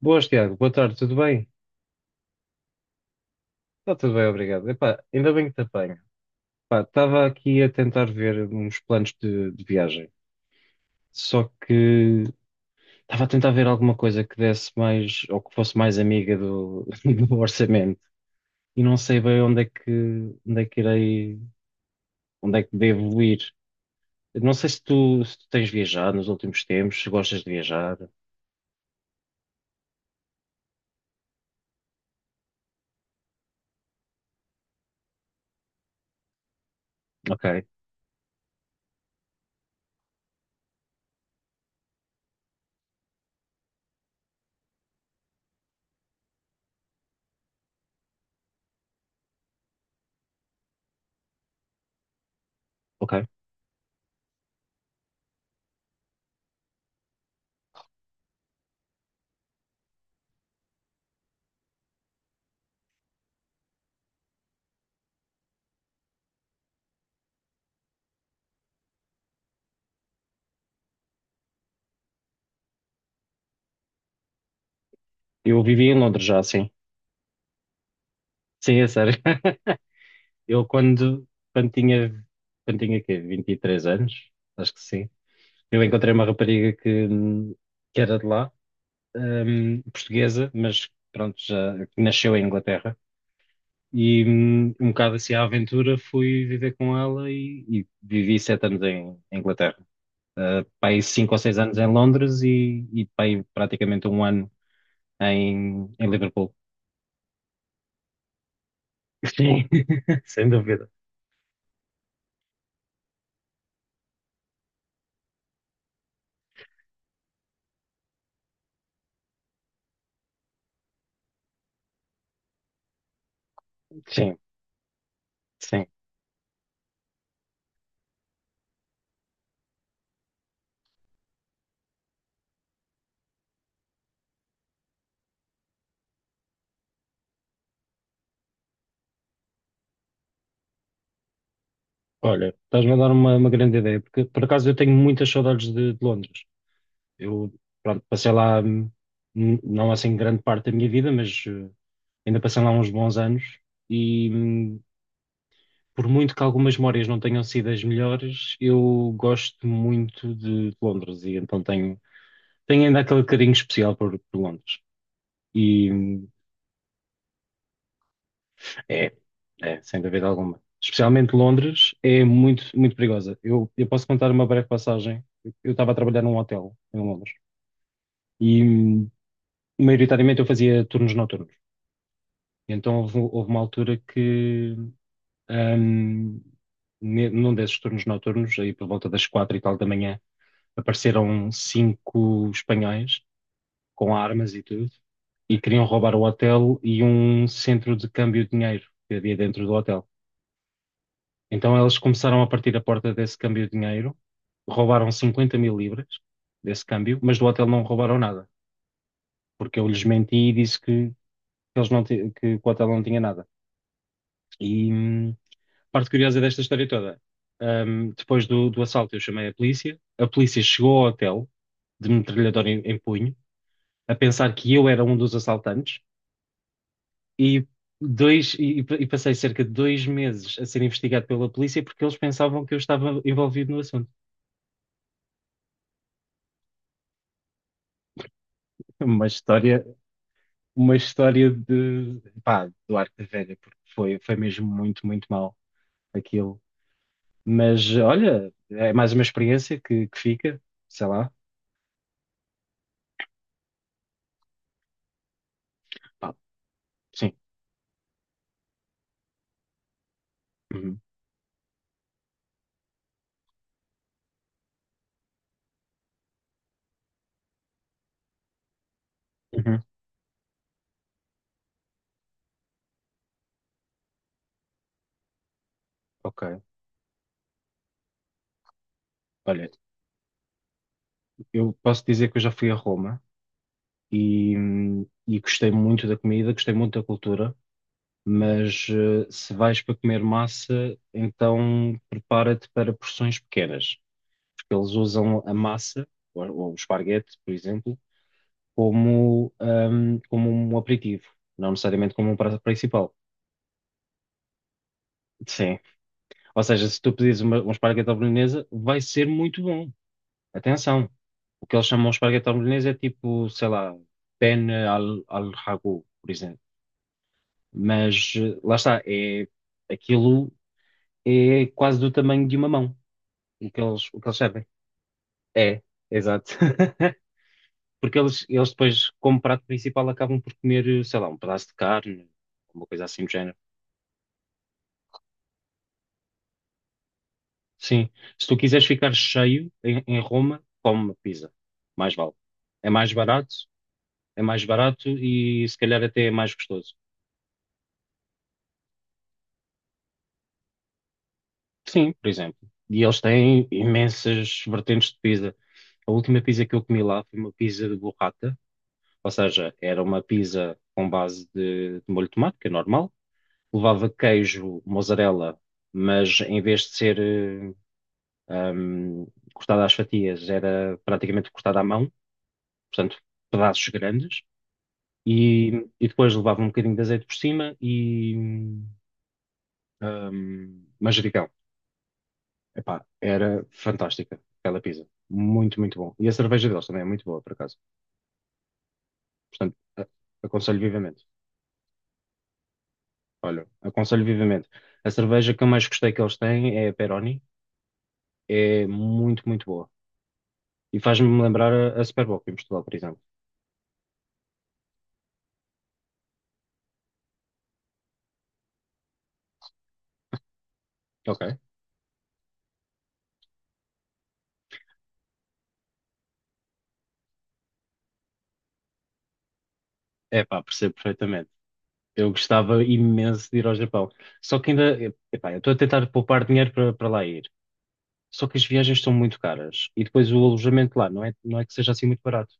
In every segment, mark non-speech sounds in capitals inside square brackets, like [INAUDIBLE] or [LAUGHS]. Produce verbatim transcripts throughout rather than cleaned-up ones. Boas, Tiago. Boa tarde, tudo bem? Está tudo bem, obrigado. Epá, ainda bem que te apanho. Pá, estava aqui a tentar ver uns planos de, de viagem, só que estava a tentar ver alguma coisa que desse mais, ou que fosse mais amiga do, [LAUGHS] do orçamento, e não sei bem onde é que, onde é que irei, onde é que devo ir. Não sei se tu, se tu tens viajado nos últimos tempos, se gostas de viajar. Ok, ok. Eu vivi em Londres já, sim. Sim, é sério. Eu quando, quando tinha, quando tinha quê? vinte e três anos, acho que sim, eu encontrei uma rapariga que, que era de lá, hum, portuguesa, mas pronto, já que nasceu em Inglaterra. E hum, um bocado assim à aventura fui viver com ela e, e vivi sete anos em, em Inglaterra. Uh, pai cinco ou seis anos em Londres e, e pai praticamente um ano em, em Liverpool. Sim, [LAUGHS] sem dúvida. Sim, sim. Olha, estás-me a dar uma, uma grande ideia, porque por acaso eu tenho muitas saudades de, de Londres. Eu, pronto, passei lá, hum, não assim grande parte da minha vida, mas eh, ainda passei lá uns bons anos e hum, por muito que algumas memórias não tenham sido as melhores, eu gosto muito de, de Londres e então tenho, tenho ainda aquele carinho especial por, por Londres. E, hum, É, é, sem dúvida alguma. Especialmente Londres é muito, muito perigosa. Eu, eu posso contar uma breve passagem. Eu estava a trabalhar num hotel em Londres e, hum, maioritariamente, eu fazia turnos noturnos. E então, houve, houve uma altura que, hum, ne- num desses turnos noturnos, aí por volta das quatro e tal da manhã, apareceram cinco espanhóis com armas e tudo e queriam roubar o hotel e um centro de câmbio de dinheiro que havia dentro do hotel. Então elas começaram a partir a porta desse câmbio de dinheiro, roubaram cinquenta mil libras desse câmbio, mas do hotel não roubaram nada, porque eu lhes menti e disse que, que eles não ti- que o hotel não tinha nada. E hum, parte curiosa desta história toda, hum, depois do, do assalto eu chamei a polícia, a polícia chegou ao hotel, de metralhadora em, em punho, a pensar que eu era um dos assaltantes e... Dois, e, e passei cerca de dois meses a ser investigado pela polícia porque eles pensavam que eu estava envolvido no assunto. [LAUGHS] Uma história uma história de, pá, do Arco Velha, porque foi, foi mesmo muito, muito mal aquilo. Mas olha, é mais uma experiência que, que fica, sei lá. Pá, sim. Uhum, uhum, ok. Olha, eu posso dizer que eu já fui a Roma e, hum, e gostei muito da comida, gostei muito da cultura, mas eh, se vais para comer massa, então prepara-te para porções pequenas, porque eles usam a massa, ou, ou o esparguete, por exemplo como, ahm, como um aperitivo, não necessariamente como um prato principal. Sim. Ou seja, se tu pedires uma, um esparguete à bolonhesa, vai ser muito bom. Atenção. O que eles chamam de esparguete à bolonhesa é tipo, sei lá, penne al, al ragu, por exemplo. Mas eh, lá está, é, aquilo é quase do tamanho de uma mão, o que eles, o que eles servem. É, exato. [LAUGHS] Porque eles, eles depois, como prato principal, acabam por comer, eh, sei lá, um pedaço de carne, uma coisa assim do género. Sim. Se tu quiseres ficar cheio em, em Roma, come uma pizza. Mais vale. É mais barato, é mais barato e se calhar até é mais gostoso. Sim, por exemplo. E eles têm imensas vertentes de pizza. A última pizza que eu comi lá foi uma pizza de burrata, ou seja, era uma pizza com base de, de molho de tomate, que é normal. Levava queijo, mozzarella, mas em vez de ser eh, hum, cortada às fatias, era praticamente cortada à mão, portanto, pedaços grandes e, e depois levava um bocadinho de azeite por cima e hum, hum, manjericão. Epá, era fantástica aquela pizza. Muito, muito bom. E a cerveja deles também é muito boa, por acaso. Portanto, a- aconselho vivamente. Olha, aconselho vivamente. A cerveja que eu mais gostei que eles têm é a Peroni. É muito, muito boa. E faz-me lembrar a, a Super em Portugal, por exemplo. Ok. Epá, percebo perfeitamente. Eu gostava imenso de ir ao Japão. Só que ainda, epá, eu estou a tentar poupar dinheiro para para lá ir. Só que as viagens são muito caras e depois o alojamento lá não é, não é que seja assim muito barato.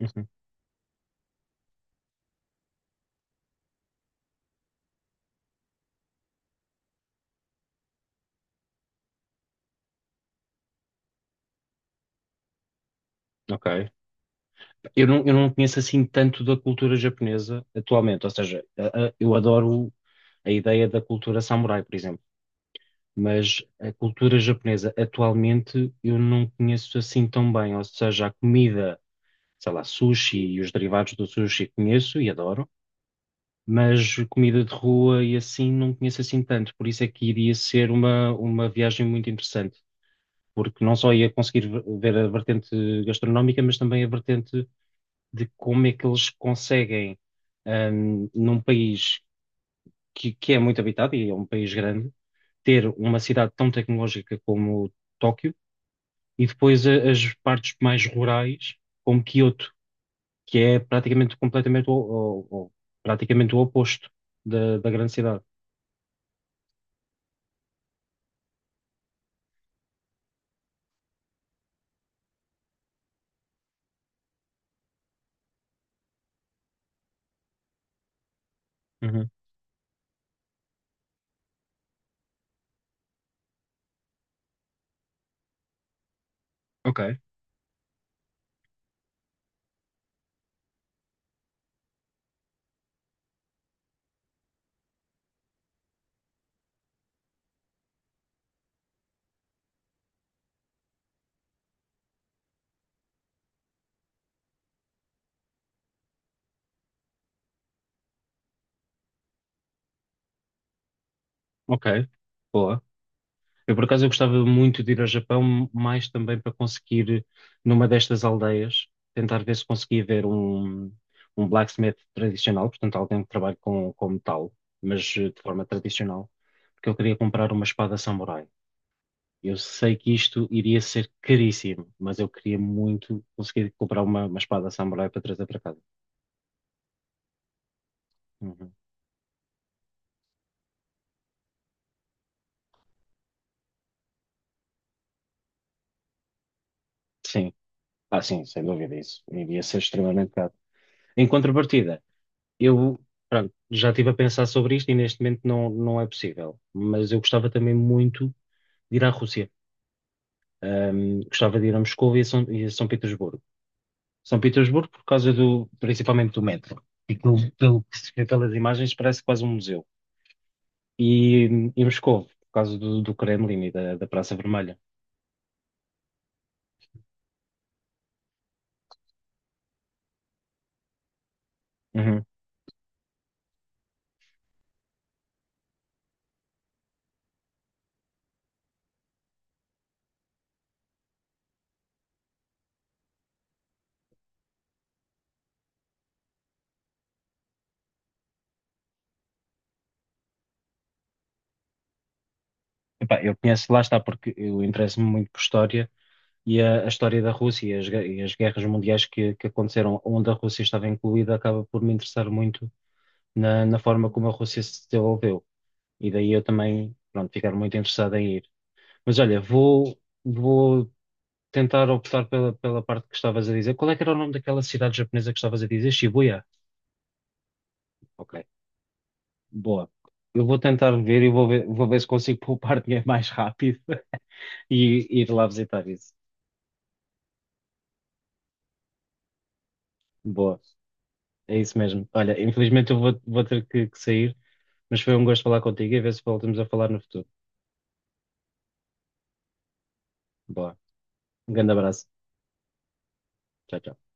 Uhum. Ok. Eu não, eu não conheço assim tanto da cultura japonesa atualmente, ou seja, a- a- eu adoro a ideia da cultura samurai, por exemplo, mas a cultura japonesa atualmente eu não conheço assim tão bem, ou seja, a comida, sei lá, sushi e os derivados do sushi conheço e adoro, mas comida de rua e assim não conheço assim tanto, por isso é que iria ser uma, uma viagem muito interessante. Porque não só ia conseguir ver ver a vertente gastronómica, mas também a vertente de como é que eles conseguem, ahm, num país que, que é muito habitado e é um país grande, ter uma cidade tão tecnológica como Tóquio e depois a- as partes mais rurais, como Kyoto que é praticamente completamente o, o- o- praticamente o oposto da, da grande cidade. Uhum. Ok, ok, boa. Eu, por acaso, eu gostava muito de ir ao Japão, mais também para conseguir, numa destas aldeias, tentar ver se conseguia ver um, um blacksmith tradicional, portanto, alguém que trabalhe com, com metal, mas eh, de forma tradicional, porque eu queria comprar uma espada samurai. Eu sei que isto iria ser caríssimo, mas eu queria muito conseguir comprar uma, uma espada samurai para trazer para casa. Uhum. Sim, ah, sim, sem dúvida isso. Iria ser extremamente caro. Em contrapartida, eu, pronto, já estive a pensar sobre isto e neste momento não, não é possível. Mas eu gostava também muito de ir à Rússia. Ahm, gostava de ir a Moscou e a São, e a São Petersburgo. São Petersburgo por causa do, principalmente do metro. E pelo, pelo que se vê pelas imagens parece quase um museu. E, e Moscou por causa do, do Kremlin e da, da Praça Vermelha. Uhum. Epá, eu conheço, lá está, porque eu interesso-me muito por história e a, a história da Rússia e as, gue- e as guerras mundiais que, que aconteceram onde a Rússia estava incluída acaba por me interessar muito na, na forma como a Rússia se desenvolveu. E daí eu também, pronto, ficar muito interessado em ir. Mas olha, vou, vou tentar optar pela, pela parte que estavas a dizer. Qual é que era o nome daquela cidade japonesa que estavas a dizer? Shibuya? Ok, boa. Eu vou tentar ver e vou ver, vou ver se consigo [LAUGHS] poupar dinheiro mais rápido [LAUGHS] e ir lá visitar isso. Boa, é isso mesmo. Olha, infelizmente eu vou, vou ter que, que sair, mas foi um gosto falar contigo e ver se voltamos a falar no futuro. Boa, um grande abraço. Tchau, tchau.